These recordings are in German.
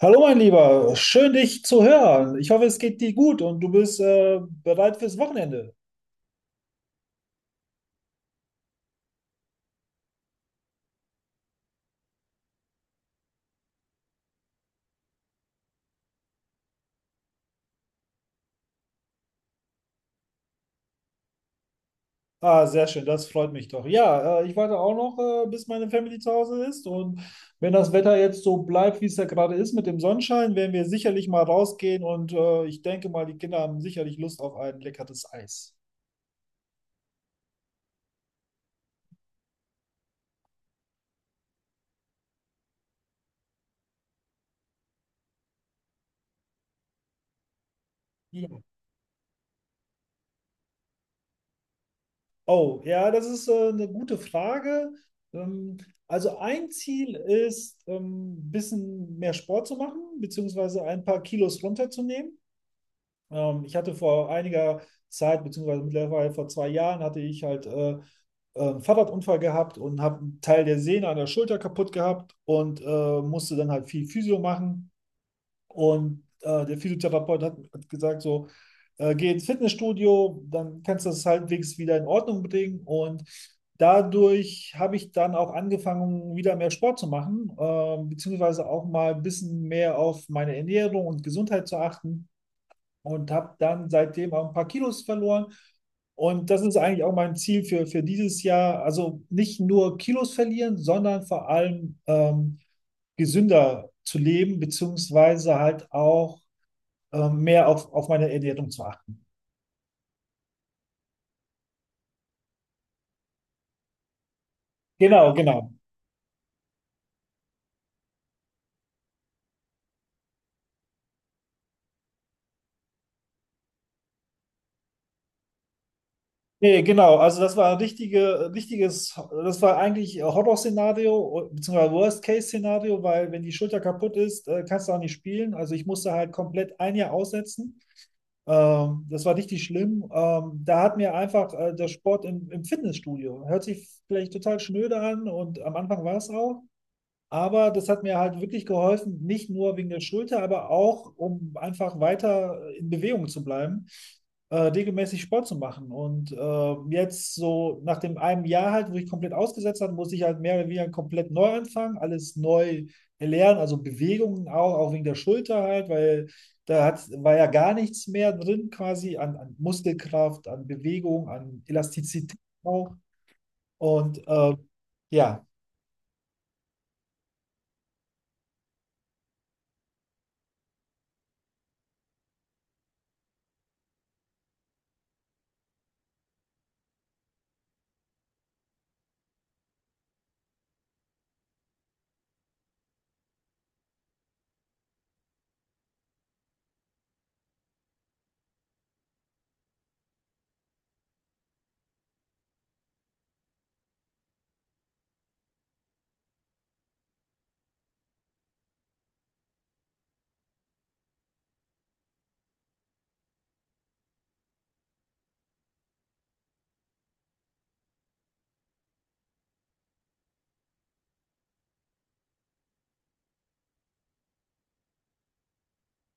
Hallo mein Lieber, schön dich zu hören. Ich hoffe, es geht dir gut und du bist bereit fürs Wochenende. Ah, sehr schön, das freut mich doch. Ja, ich warte auch noch, bis meine Family zu Hause ist und wenn das Wetter jetzt so bleibt, wie es ja gerade ist mit dem Sonnenschein, werden wir sicherlich mal rausgehen und ich denke mal, die Kinder haben sicherlich Lust auf ein leckeres Eis. Ja. Oh, ja, das ist eine gute Frage. Ähm, also ein Ziel ist, ein bisschen mehr Sport zu machen, beziehungsweise ein paar Kilos runterzunehmen. Ich hatte vor einiger Zeit, beziehungsweise mittlerweile vor zwei Jahren, hatte ich halt einen Fahrradunfall gehabt und habe einen Teil der Sehne an der Schulter kaputt gehabt und musste dann halt viel Physio machen. Und der Physiotherapeut hat gesagt so, geh ins Fitnessstudio, dann kannst du das halbwegs wieder in Ordnung bringen. Und dadurch habe ich dann auch angefangen, wieder mehr Sport zu machen, beziehungsweise auch mal ein bisschen mehr auf meine Ernährung und Gesundheit zu achten und habe dann seitdem auch ein paar Kilos verloren. Und das ist eigentlich auch mein Ziel für dieses Jahr. Also nicht nur Kilos verlieren, sondern vor allem gesünder zu leben, beziehungsweise halt auch mehr auf meine Ernährung zu achten. Genau, genau. Nee, genau. Also das war das war eigentlich Horror-Szenario, beziehungsweise Worst-Case-Szenario, weil wenn die Schulter kaputt ist, kannst du auch nicht spielen. Also ich musste halt komplett ein Jahr aussetzen. Das war richtig schlimm. Da hat mir einfach der Sport im Fitnessstudio, hört sich vielleicht total schnöde an und am Anfang war es auch, aber das hat mir halt wirklich geholfen, nicht nur wegen der Schulter, aber auch, um einfach weiter in Bewegung zu bleiben, regelmäßig Sport zu machen. Und jetzt so nach dem einem Jahr halt, wo ich komplett ausgesetzt habe, muss ich halt mehr oder weniger komplett neu anfangen, alles neu erlernen, also Bewegungen auch, auch wegen der Schulter halt, weil war ja gar nichts mehr drin quasi an Muskelkraft, an Bewegung, an Elastizität auch. Und ja,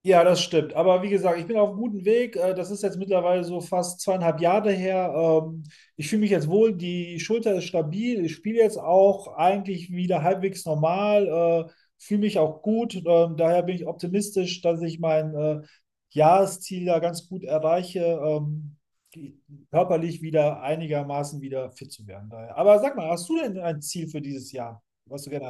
Ja, das stimmt. Aber wie gesagt, ich bin auf einem guten Weg. Das ist jetzt mittlerweile so fast zweieinhalb Jahre her. Ich fühle mich jetzt wohl, die Schulter ist stabil. Ich spiele jetzt auch eigentlich wieder halbwegs normal, äh, fühle mich auch gut. Daher bin ich optimistisch, dass ich mein Jahresziel da ganz gut erreiche, ähm, die- körperlich wieder einigermaßen wieder fit zu werden. Daher. Aber sag mal, hast du denn ein Ziel für dieses Jahr, was du gerne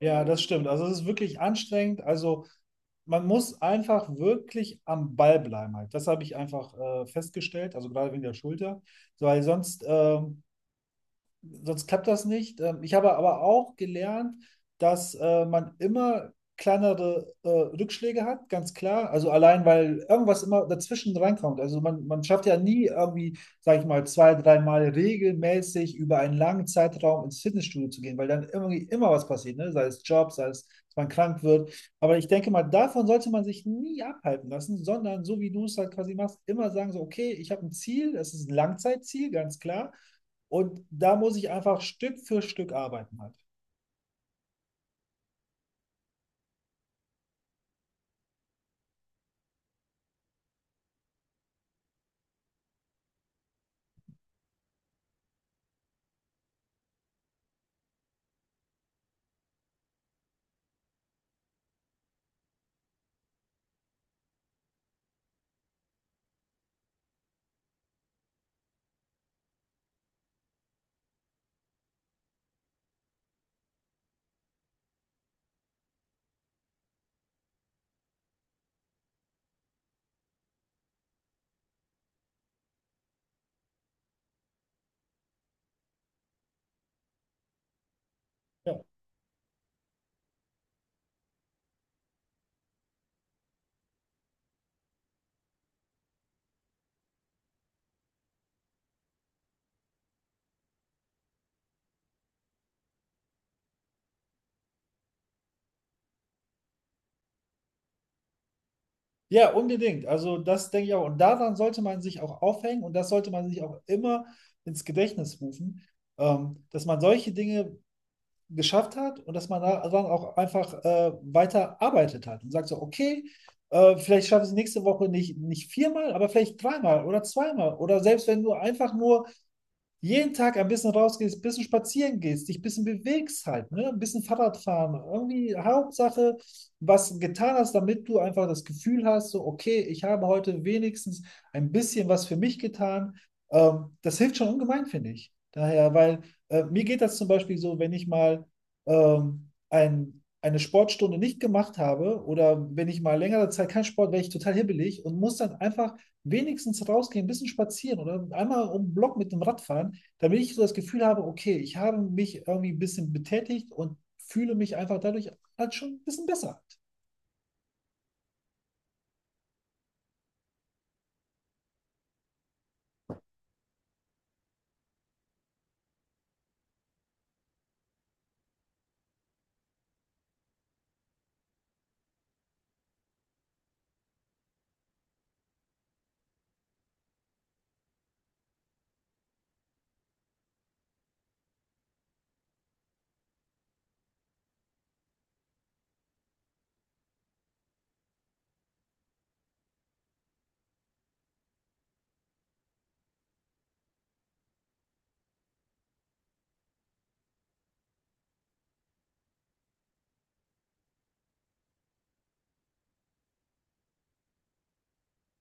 Ja, das stimmt. Also es ist wirklich anstrengend. Also man muss einfach wirklich am Ball bleiben halt. Das habe ich einfach festgestellt, also gerade wegen der Schulter, so, weil sonst sonst klappt das nicht. Ich habe aber auch gelernt, dass man immer kleinere Rückschläge hat, ganz klar. Also allein, weil irgendwas immer dazwischen reinkommt. Also man schafft ja nie irgendwie, sage ich mal, zwei, dreimal regelmäßig über einen langen Zeitraum ins Fitnessstudio zu gehen, weil dann irgendwie immer was passiert, ne? Sei es Job, sei es, dass man krank wird. Aber ich denke mal, davon sollte man sich nie abhalten lassen, sondern so wie du es halt quasi machst, immer sagen so, okay, ich habe ein Ziel, es ist ein Langzeitziel, ganz klar. Und da muss ich einfach Stück für Stück arbeiten halt. Ja, ja unbedingt. Also das denke ich auch. Und daran sollte man sich auch aufhängen und das sollte man sich auch immer ins Gedächtnis rufen, dass man solche Dinge geschafft hat und dass man daran auch einfach weiter arbeitet hat und sagt so, okay, vielleicht schaffe ich es nächste Woche nicht, nicht viermal, aber vielleicht dreimal oder zweimal. Oder selbst wenn nur einfach nur jeden Tag ein bisschen rausgehst, ein bisschen spazieren gehst, dich ein bisschen bewegst halt, ne? Ein bisschen Fahrrad fahren. Irgendwie Hauptsache, was getan hast, damit du einfach das Gefühl hast, so, okay, ich habe heute wenigstens ein bisschen was für mich getan. Das hilft schon ungemein, finde ich. Daher, weil mir geht das zum Beispiel so, wenn ich mal eine Sportstunde nicht gemacht habe oder wenn ich mal längere Zeit keinen Sport, werde ich total hibbelig und muss dann einfach wenigstens rausgehen, ein bisschen spazieren oder einmal um den Block mit dem Rad fahren damit ich so das Gefühl habe, okay, ich habe mich irgendwie ein bisschen betätigt und fühle mich einfach dadurch halt schon ein bisschen besser.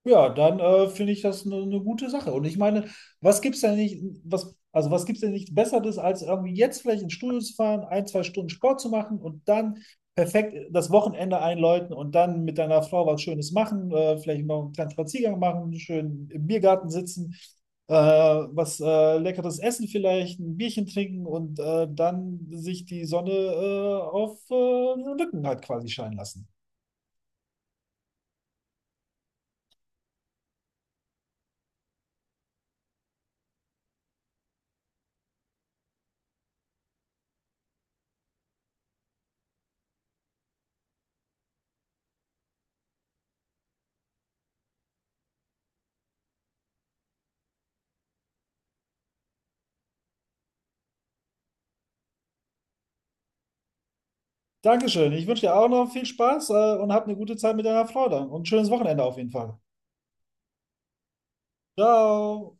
Ja, dann finde ich das eine gute Sache. Und ich meine, was gibt's denn nicht, was, also was gibt's denn nicht Besseres, als irgendwie jetzt vielleicht ins Studio zu fahren, ein, zwei Stunden Sport zu machen und dann perfekt das Wochenende einläuten und dann mit deiner Frau was Schönes machen, vielleicht noch einen kleinen Spaziergang machen, schön im Biergarten sitzen, was leckeres essen vielleicht, ein Bierchen trinken und dann sich die Sonne auf den Rücken halt quasi scheinen lassen. Dankeschön. Ich wünsche dir auch noch viel Spaß, und hab eine gute Zeit mit deiner Frau dann und ein schönes Wochenende auf jeden Fall. Ciao.